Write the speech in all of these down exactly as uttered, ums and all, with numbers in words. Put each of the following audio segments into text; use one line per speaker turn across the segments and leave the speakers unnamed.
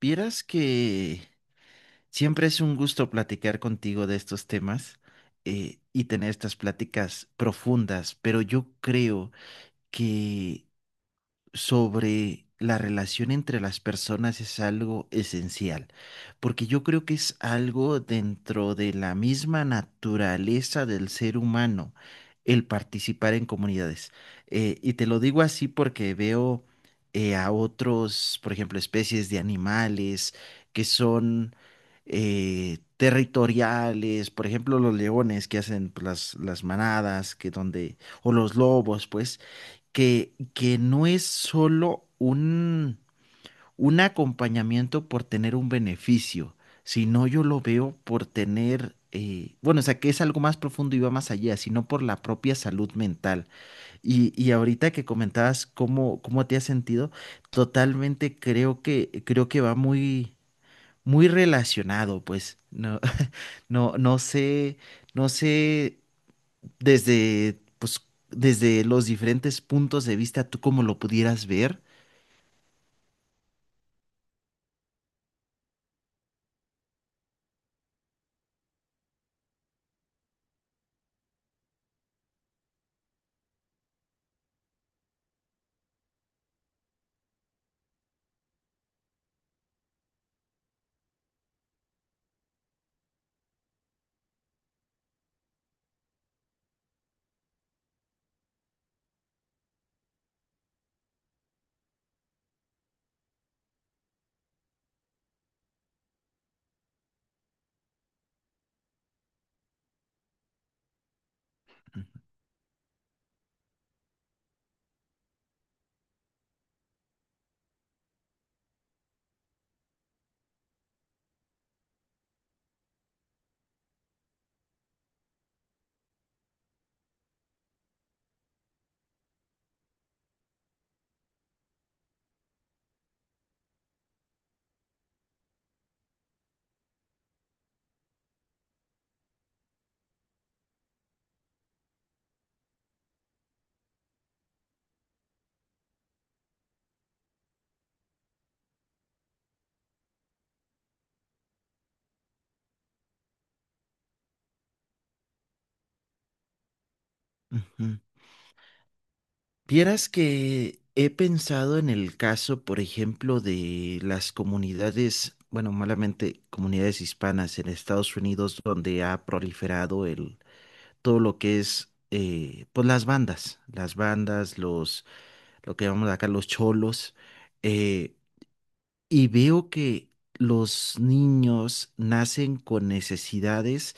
Vieras que siempre es un gusto platicar contigo de estos temas, eh, y tener estas pláticas profundas, pero yo creo que sobre la relación entre las personas es algo esencial, porque yo creo que es algo dentro de la misma naturaleza del ser humano el participar en comunidades. Eh, y te lo digo así porque veo eh, a otros, por ejemplo, especies de animales que son... eh, territoriales, por ejemplo, los leones que hacen, pues, las, las manadas, que donde, o los lobos, pues, que, que no es solo un, un acompañamiento por tener un beneficio, sino yo lo veo por tener, eh, bueno, o sea, que es algo más profundo y va más allá, sino por la propia salud mental. Y, y ahorita que comentabas cómo, cómo te has sentido, totalmente creo que, creo que va muy, muy relacionado, pues, no, no, no sé, no sé desde, pues, desde los diferentes puntos de vista, tú como lo pudieras ver. Ujú. Vieras que he pensado en el caso, por ejemplo, de las comunidades, bueno, malamente comunidades hispanas en Estados Unidos, donde ha proliferado el, todo lo que es, eh, pues las bandas, las bandas, los, lo que llamamos acá los cholos, eh, y veo que los niños nacen con necesidades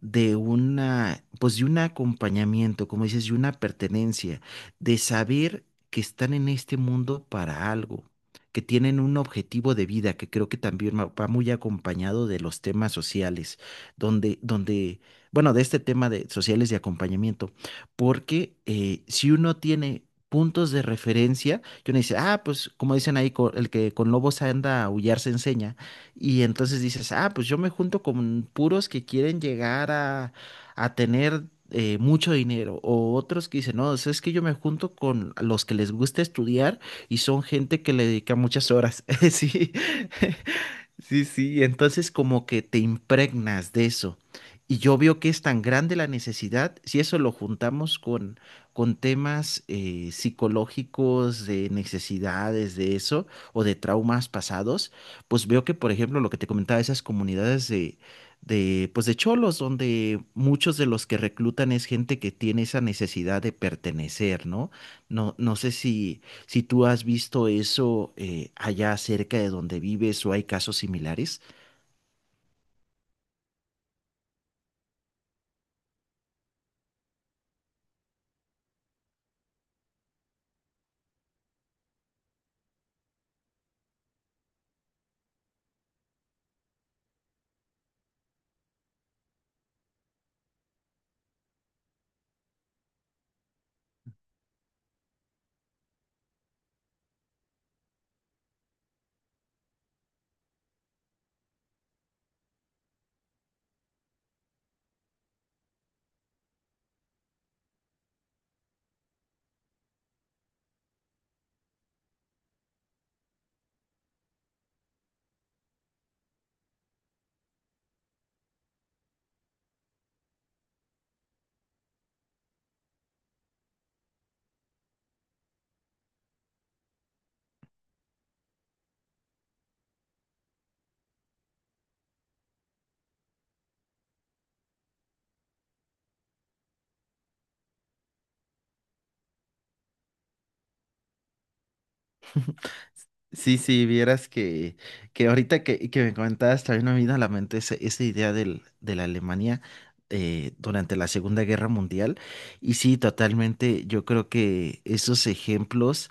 de una, pues de un acompañamiento, como dices, de una pertenencia, de saber que están en este mundo para algo, que tienen un objetivo de vida, que creo que también va va muy acompañado de los temas sociales, donde, donde, bueno, de este tema de sociales de acompañamiento, porque eh, si uno tiene puntos de referencia, que uno dice, ah, pues como dicen ahí, co- el que con lobos anda a aullar se enseña, y entonces dices, ah, pues yo me junto con puros que quieren llegar a, a tener eh, mucho dinero. O otros que dicen, no, o sea, es que yo me junto con los que les gusta estudiar y son gente que le dedica muchas horas. Sí, sí, sí. Entonces como que te impregnas de eso. Y yo veo que es tan grande la necesidad, si eso lo juntamos con, con temas eh, psicológicos, de necesidades, de eso, o de traumas pasados, pues veo que, por ejemplo, lo que te comentaba, esas comunidades de, de, pues de cholos, donde muchos de los que reclutan es gente que tiene esa necesidad de pertenecer, ¿no? No, no sé si, si tú has visto eso, eh, allá cerca de donde vives, o hay casos similares. Sí, sí, vieras que, que ahorita que, que me comentabas, también me vino a la mente ese- esa idea del, de la Alemania eh, durante la Segunda Guerra Mundial. Y sí, totalmente, yo creo que esos ejemplos,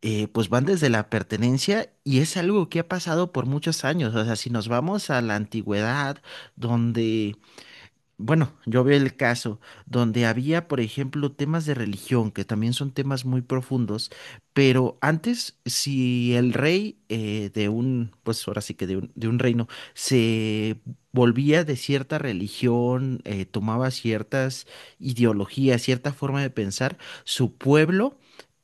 eh, pues, van desde la pertenencia y es algo que ha pasado por muchos años. O sea, si nos vamos a la antigüedad, donde, bueno, yo veo el caso donde había, por ejemplo, temas de religión, que también son temas muy profundos, pero antes, si el rey, eh, de un, pues ahora sí que de un, de un reino, se volvía de cierta religión, eh, tomaba ciertas ideologías, cierta forma de pensar, su pueblo...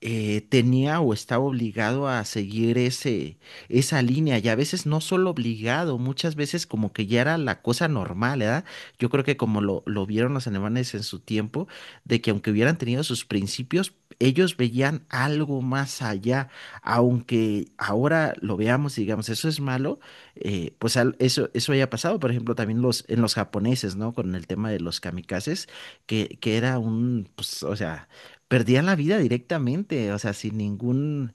eh, tenía o estaba obligado a seguir ese, esa línea, y a veces no solo obligado, muchas veces como que ya era la cosa normal, ¿verdad? Yo creo que como lo, lo vieron los alemanes en su tiempo, de que aunque hubieran tenido sus principios, ellos veían algo más allá, aunque ahora lo veamos y digamos, eso es malo, eh, pues al- eso, eso haya pasado, por ejemplo, también los, en los japoneses, ¿no? Con el tema de los kamikazes, que, que era un, pues, o sea, perdían la vida directamente, o sea, sin ningún,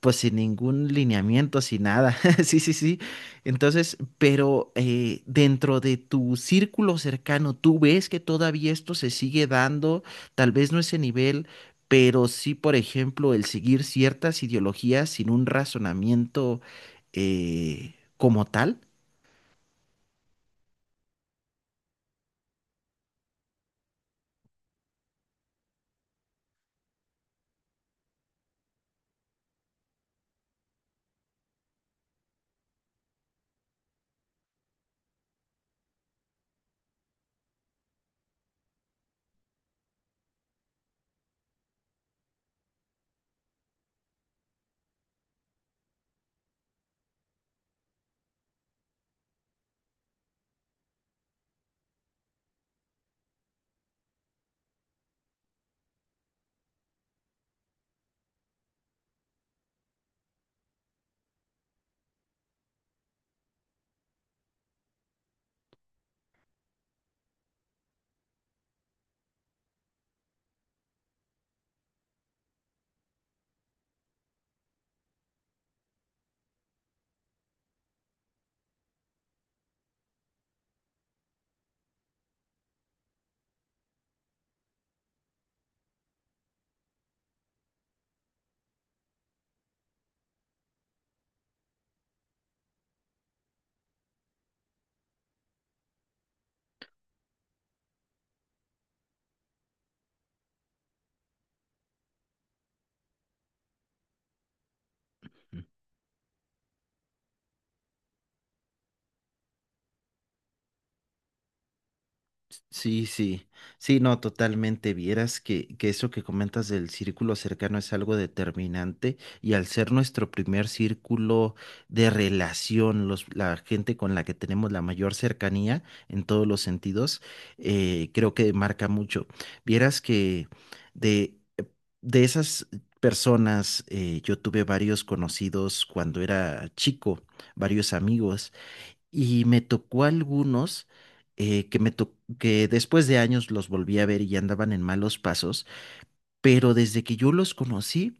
pues, sin ningún lineamiento, sin nada. Sí, sí, sí. Entonces, pero eh, dentro de tu círculo cercano, ¿tú ves que todavía esto se sigue dando? Tal vez no ese nivel, pero sí, por ejemplo, el seguir ciertas ideologías sin un razonamiento, eh, como tal. Sí, sí, sí, no, totalmente. Vieras que, que eso que comentas del círculo cercano es algo determinante, y al ser nuestro primer círculo de relación, los, la gente con la que tenemos la mayor cercanía en todos los sentidos, eh, creo que marca mucho. Vieras que de, de esas personas, eh, yo tuve varios conocidos cuando era chico, varios amigos. Y me tocó algunos, eh, que, me to- que después de años los volví a ver, y ya andaban en malos pasos, pero desde que yo los conocí,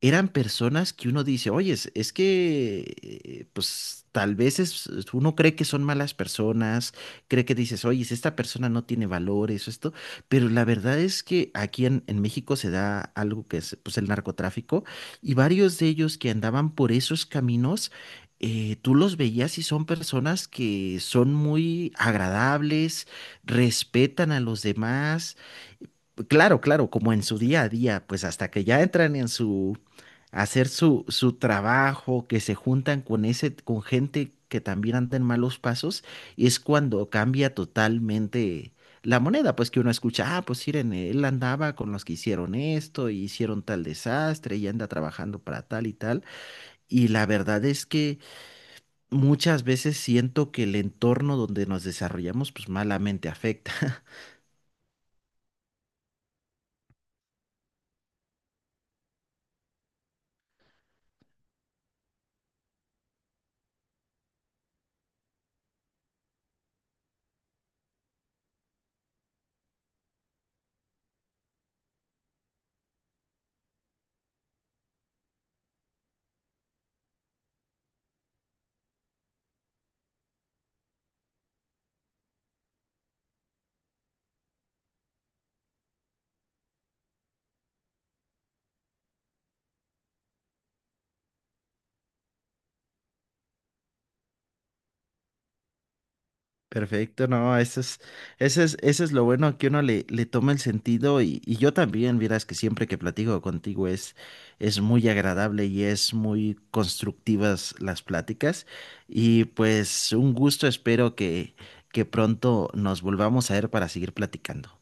eran personas que uno dice, oye, es, es que, eh, pues tal vez es- es- uno cree que son malas personas, cree que dices, oye, es, esta persona no tiene valores o esto, pero la verdad es que aquí en, en México se da algo que es, pues, el narcotráfico, y varios de ellos que andaban por esos caminos. Eh, tú los veías y son personas que son muy agradables, respetan a los demás, claro, claro, como en su día a día, pues hasta que ya entran en su, a hacer su, su trabajo, que se juntan con ese, con gente que también anda en malos pasos, y es cuando cambia totalmente la moneda, pues que uno escucha, ah, pues miren, él andaba con los que hicieron esto, y hicieron tal desastre, y anda trabajando para tal y tal, y la verdad es que muchas veces siento que el entorno donde nos desarrollamos, pues, malamente afecta. Perfecto, no, eso es, eso es, eso es lo bueno, que uno le, le toma el sentido, y, y yo también, verás que siempre que platico contigo es, es muy agradable y es muy constructivas las pláticas, y pues un gusto, espero que, que pronto nos volvamos a ver para seguir platicando.